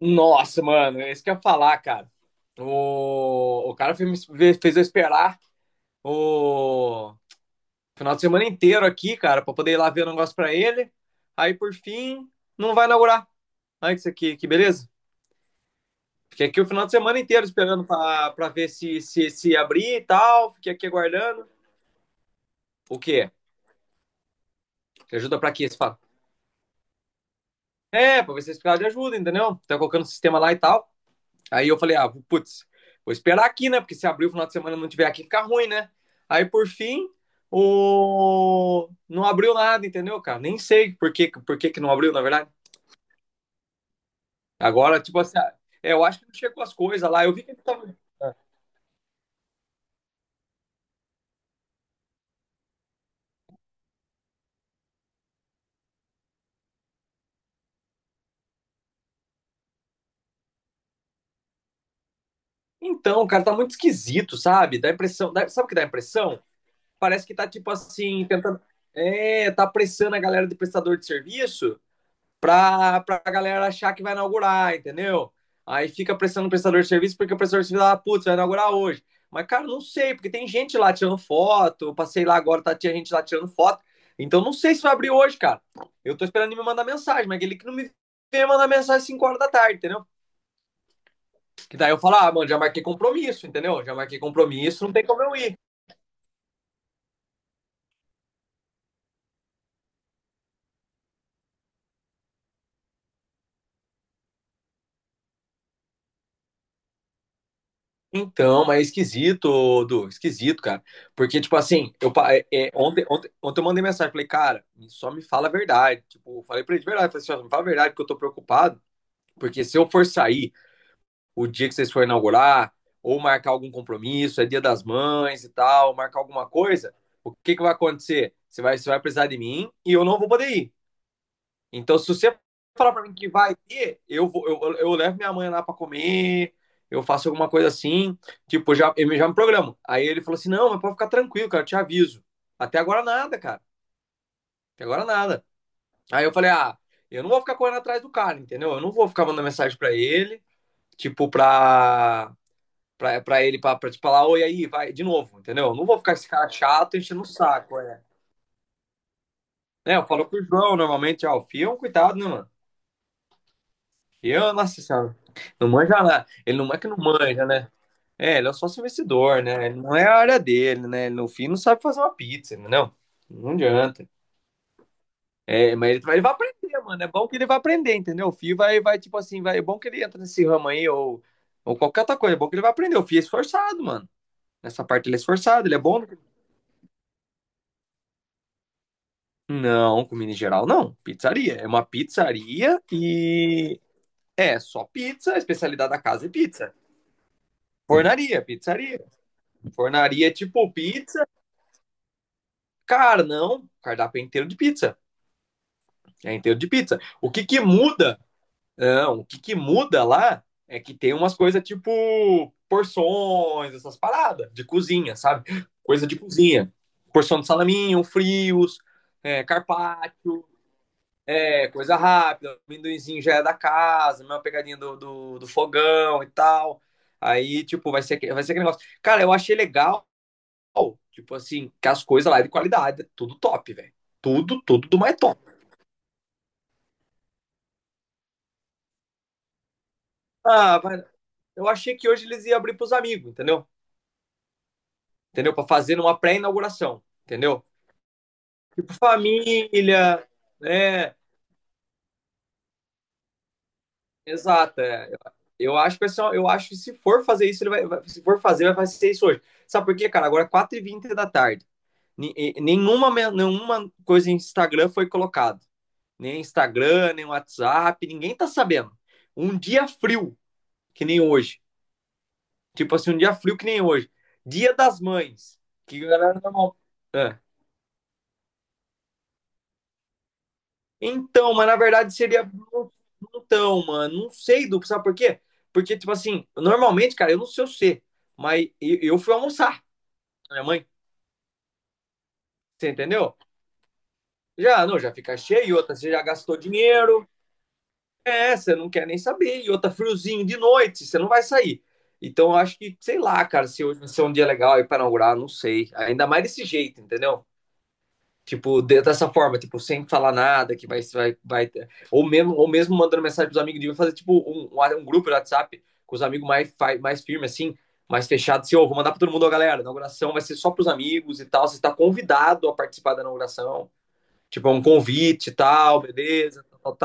Nossa, mano, é isso que eu ia falar, cara. O cara fez, fez eu esperar o final de semana inteiro aqui, cara, pra poder ir lá ver o negócio pra ele. Aí, por fim, não vai inaugurar. Olha isso aqui, que beleza. Fiquei aqui o final de semana inteiro esperando pra ver se abrir e tal. Fiquei aqui aguardando. O quê? Ajuda pra quê? Você fala. É, pra ver se esse cara de ajuda, entendeu? Tá colocando o sistema lá e tal. Aí eu falei, ah, putz, vou esperar aqui, né? Porque se abrir o final de semana e não tiver aqui, fica ruim, né? Aí por fim, não abriu nada, entendeu, cara? Nem sei por que que não abriu, na verdade. Agora, tipo assim, ah, é, eu acho que não chegou as coisas lá. Eu vi que ele tava. Então, cara, tá muito esquisito, sabe? Dá impressão. Sabe o que dá impressão? Parece que tá, tipo assim, tentando. É, tá pressando a galera de prestador de serviço pra galera achar que vai inaugurar, entendeu? Aí fica pressionando o prestador de serviço porque o prestador de serviço fala, ah, putz, vai inaugurar hoje. Mas, cara, não sei, porque tem gente lá tirando foto. Eu passei lá agora, tá, tinha gente lá tirando foto. Então, não sei se vai abrir hoje, cara. Eu tô esperando ele me mandar mensagem, mas aquele que não me vem mandar mensagem às 5 horas da tarde, entendeu? Que daí eu falo, ah, mano, já marquei compromisso, entendeu? Já marquei compromisso, não tem como eu ir. Então, mas é esquisito, Du, esquisito, cara. Porque, tipo assim, eu, é, é, ontem, ontem eu mandei mensagem, falei, cara, só me fala a verdade. Tipo, eu falei pra ele de verdade, falei assim, ó, me fala a verdade, porque eu tô preocupado. Porque se eu for sair o dia que vocês forem inaugurar, ou marcar algum compromisso, é dia das mães e tal, marcar alguma coisa, o que que vai acontecer? Você vai precisar de mim e eu não vou poder ir. Então, se você falar para mim que vai ter, eu, vou, eu levo minha mãe lá para comer, eu faço alguma coisa assim, tipo, já, eu já me programo. Aí ele falou assim: não, mas pode ficar tranquilo, cara, eu te aviso. Até agora nada, cara, até agora nada. Aí eu falei: ah, eu não vou ficar correndo atrás do cara, entendeu? Eu não vou ficar mandando mensagem para ele, tipo, pra ele, pra te falar, oi, aí, vai, de novo, entendeu? Eu não vou ficar esse cara chato enchendo o saco, é. É, eu falo com o João normalmente, ó, o Fio é um cuidado, né, mano? Eu, nossa senhora, não manja nada. Ele não é que não manja, né? É, ele é só investidor, né? Ele não é a área dele, né? Ele, no fim, não sabe fazer uma pizza, entendeu? Não adianta. É, mas ele, ele vai aprender, mano. É bom que ele vai aprender, entendeu? O filho vai, vai tipo assim, vai. É bom que ele entra nesse ramo aí, ou qualquer outra coisa. É bom que ele vai aprender. O filho é esforçado, mano. Nessa parte ele é esforçado, ele é bom. Não, comida em geral, não. Pizzaria. É uma pizzaria e. É, só pizza. A especialidade da casa é pizza. Fornaria, pizzaria. Fornaria é tipo pizza. Cara, não. Cardápio é inteiro de pizza. É inteiro de pizza. O que que muda? Não, o que que muda lá é que tem umas coisas tipo porções, essas paradas de cozinha, sabe? Coisa de cozinha. Porção de salaminho, frios, é, carpaccio, é, coisa rápida. Amendoinzinho já é da casa, mesma pegadinha do, do fogão e tal. Aí, tipo, vai ser, vai ser aquele negócio. Cara, eu achei legal. Tipo assim, que as coisas lá é de qualidade. Tudo top, velho. Tudo, tudo do mais top. Ah, vai. Eu achei que hoje eles iam abrir pros amigos, entendeu? Entendeu? Pra fazer uma pré-inauguração, entendeu? Tipo família, né? Exato. É. Eu acho pessoal eu acho que se for fazer isso, ele se for fazer, vai fazer isso hoje. Sabe por quê, cara? Agora é 4h20 da tarde. Nenhuma, nenhuma coisa em Instagram foi colocada. Nem Instagram, nem WhatsApp, ninguém tá sabendo. Um dia frio, que nem hoje. Tipo assim, um dia frio que nem hoje. Dia das mães. Que a galera normal. É. Então, mas na verdade seria. Então, mano, não sei, duplo, sabe por quê? Porque, tipo assim, normalmente, cara, eu não sei o ser, mas eu fui almoçar com a minha mãe, você entendeu? Já, não, já fica cheio, outra, você já gastou dinheiro, é, você não quer nem saber, e outra, friozinho de noite, você não vai sair. Então, eu acho que, sei lá, cara, se hoje vai ser um dia legal aí pra inaugurar, não sei. Ainda mais desse jeito, entendeu? Tipo, dessa forma, tipo, sem falar nada, que vai, vai. Ou mesmo mandando mensagem pros amigos, de fazer, tipo, um grupo de WhatsApp com os amigos mais, mais firmes, assim, mais fechado, assim, ô, oh, vou mandar pra todo mundo, ó, galera, a inauguração vai ser só pros amigos e tal, você tá convidado a participar da inauguração. Tipo, é um convite e tal, beleza, tal, tal,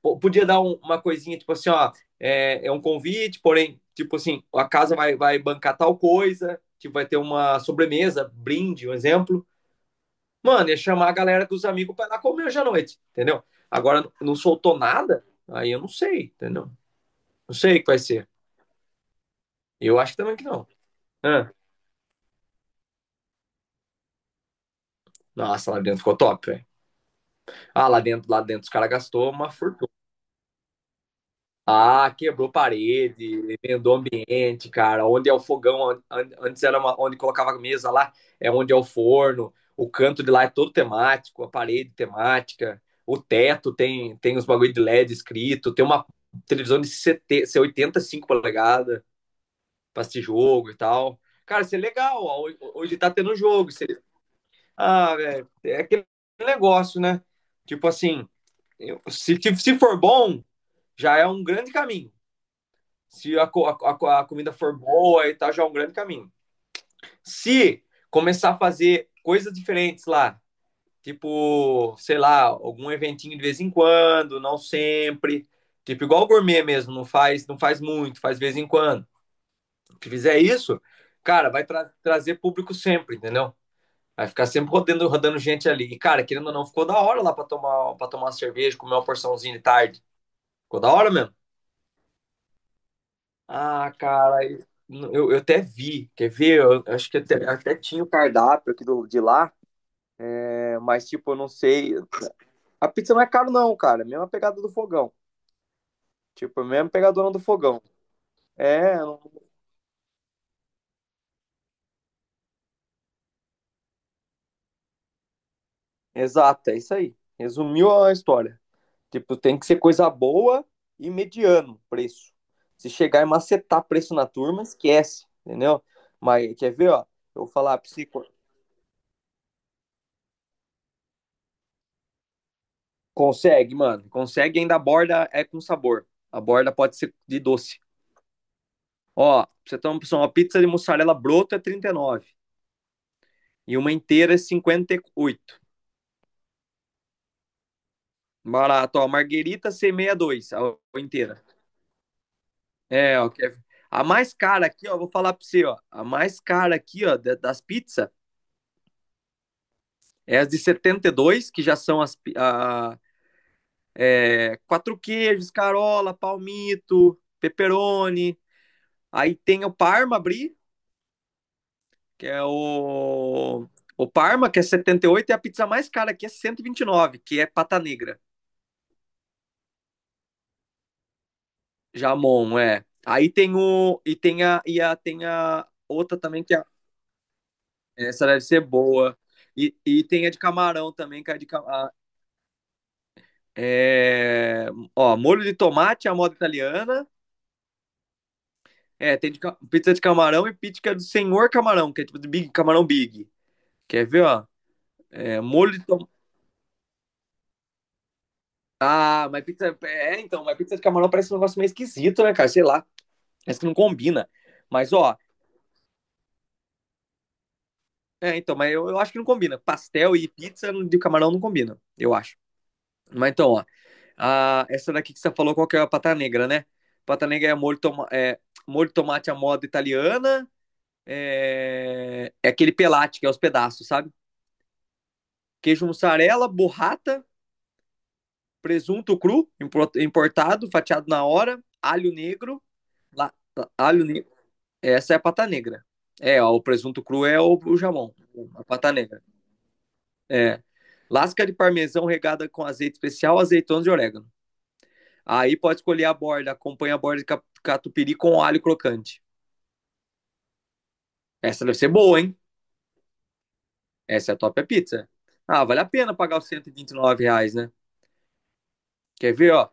tal. Podia dar uma coisinha, tipo assim, ó, é, é um convite, porém, tipo assim, a casa vai, vai bancar tal coisa, tipo, vai ter uma sobremesa, brinde, um exemplo, mano, ia chamar a galera dos amigos pra ir lá comer hoje à noite, entendeu? Agora não soltou nada, aí eu não sei, entendeu? Não sei o que vai ser. Eu acho também que não. Ah, nossa, lá dentro ficou top, velho. Ah, lá dentro os caras gastou uma fortuna. Ah, quebrou parede, emendou ambiente, cara. Onde é o fogão, antes era onde colocava a mesa lá, é onde é o forno. O canto de lá é todo temático, a parede temática. O teto tem os bagulho de LED escrito, tem uma televisão de 70, 85 polegadas pra assistir jogo e tal. Cara, isso é legal. Ó, hoje tá tendo jogo. Ah, velho, é aquele negócio, né? Tipo assim, se, se for bom, já é um grande caminho. Se comida for boa e tal, já é um grande caminho. Se começar a fazer coisas diferentes lá, tipo, sei lá, algum eventinho de vez em quando, não sempre, tipo igual o gourmet mesmo, não faz, não faz muito, faz de vez em quando. Se fizer isso, cara, vai trazer público sempre, entendeu? Vai ficar sempre rodando, rodando gente ali. E, cara, querendo ou não, ficou da hora lá pra tomar, para tomar uma cerveja, comer uma porçãozinha de tarde. Ficou da hora mesmo. Ah, cara, eu até vi, quer ver? Eu acho que até, até tinha o cardápio aqui do, de lá, né? Mas tipo, eu não sei. A pizza não é caro não, cara, é a mesma pegada do fogão. Tipo, é a mesma pegadona do fogão. É, eu não- Exato, é isso aí. Resumiu a história. Tipo, tem que ser coisa boa e mediano preço. Se chegar e macetar preço na turma, esquece, entendeu? Mas quer ver, ó? Eu vou falar pra você, consegue, mano. Consegue ainda a borda é com sabor. A borda pode ser de doce. Ó, pra você ter uma opção, uma pizza de mussarela broto é 39 e uma inteira é 58. Barato, ó, marguerita c dois a inteira. É, ó, a mais cara aqui, ó, vou falar pra você, ó, a mais cara aqui, ó, das pizzas é as de 72 que já são é, quatro queijos, carola, palmito, pepperoni. Aí tem o Parma Brie, que é o Parma, que é 78, e a pizza mais cara aqui é cento e vinte e nove, que é pata negra. Jamon, é. Aí tem o. E tem a, tem a outra também, essa deve ser boa. E tem a de camarão também, que é de camarão. É, ó, molho de tomate, a moda italiana. É, tem pizza de camarão e pizza que é do Senhor Camarão, que é tipo de Big, camarão Big. Quer ver, ó? É, molho de tomate. Ah, mas pizza. É, então, mas pizza de camarão parece um negócio meio esquisito, né, cara? Sei lá. Parece que não combina. Mas, ó. É, então, mas eu acho que não combina. Pastel e pizza de camarão não combina, eu acho. Mas então, ó, essa daqui que você falou, qual que é a pata negra, né? Pata negra é molho, toma, é molho de tomate à moda italiana, é, é aquele pelate, que é os pedaços, sabe? Queijo mussarela, borrata, presunto cru, importado, fatiado na hora, alho negro, la- alho negro. Essa é a pata negra. É, ó, o presunto cru é o jamão, a pata negra. É. Lasca de parmesão regada com azeite especial, azeitonas e orégano. Aí pode escolher a borda, acompanha a borda de catupiry com alho crocante. Essa deve ser boa, hein? Essa é a top é pizza. Ah, vale a pena pagar os 129 reais, né? Quer ver, ó?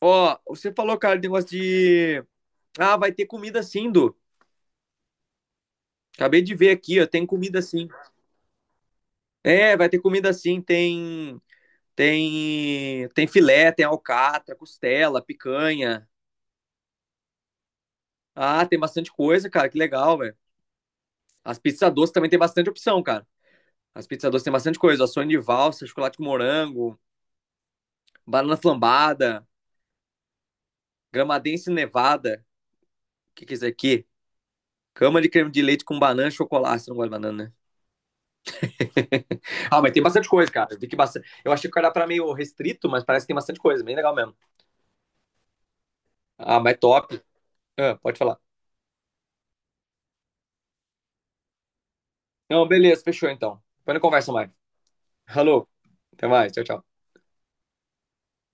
Ó, você falou, cara, de negócio de. Ah, vai ter comida sim, Du. Acabei de ver aqui, ó. Tem comida sim. É, vai ter comida sim. Tem. Tem. Tem filé, tem alcatra, costela, picanha. Ah, tem bastante coisa, cara. Que legal, velho. As pizzas doces também tem bastante opção, cara. As pizzas doces tem bastante coisa. Sonho de valsa, chocolate com morango, banana flambada, gramadense nevada. O que que é isso aqui? Cama de creme de leite com banana e chocolate. Você não gosta de banana, né? Ah, mas tem bastante coisa, cara. Eu, vi que bastante... eu achei que o cardápio era meio restrito, mas parece que tem bastante coisa. Bem legal mesmo. Ah, mas top. Ah, pode falar. Não, beleza. Fechou, então. Depois não conversa mais. Alô. Até mais. Tchau, tchau.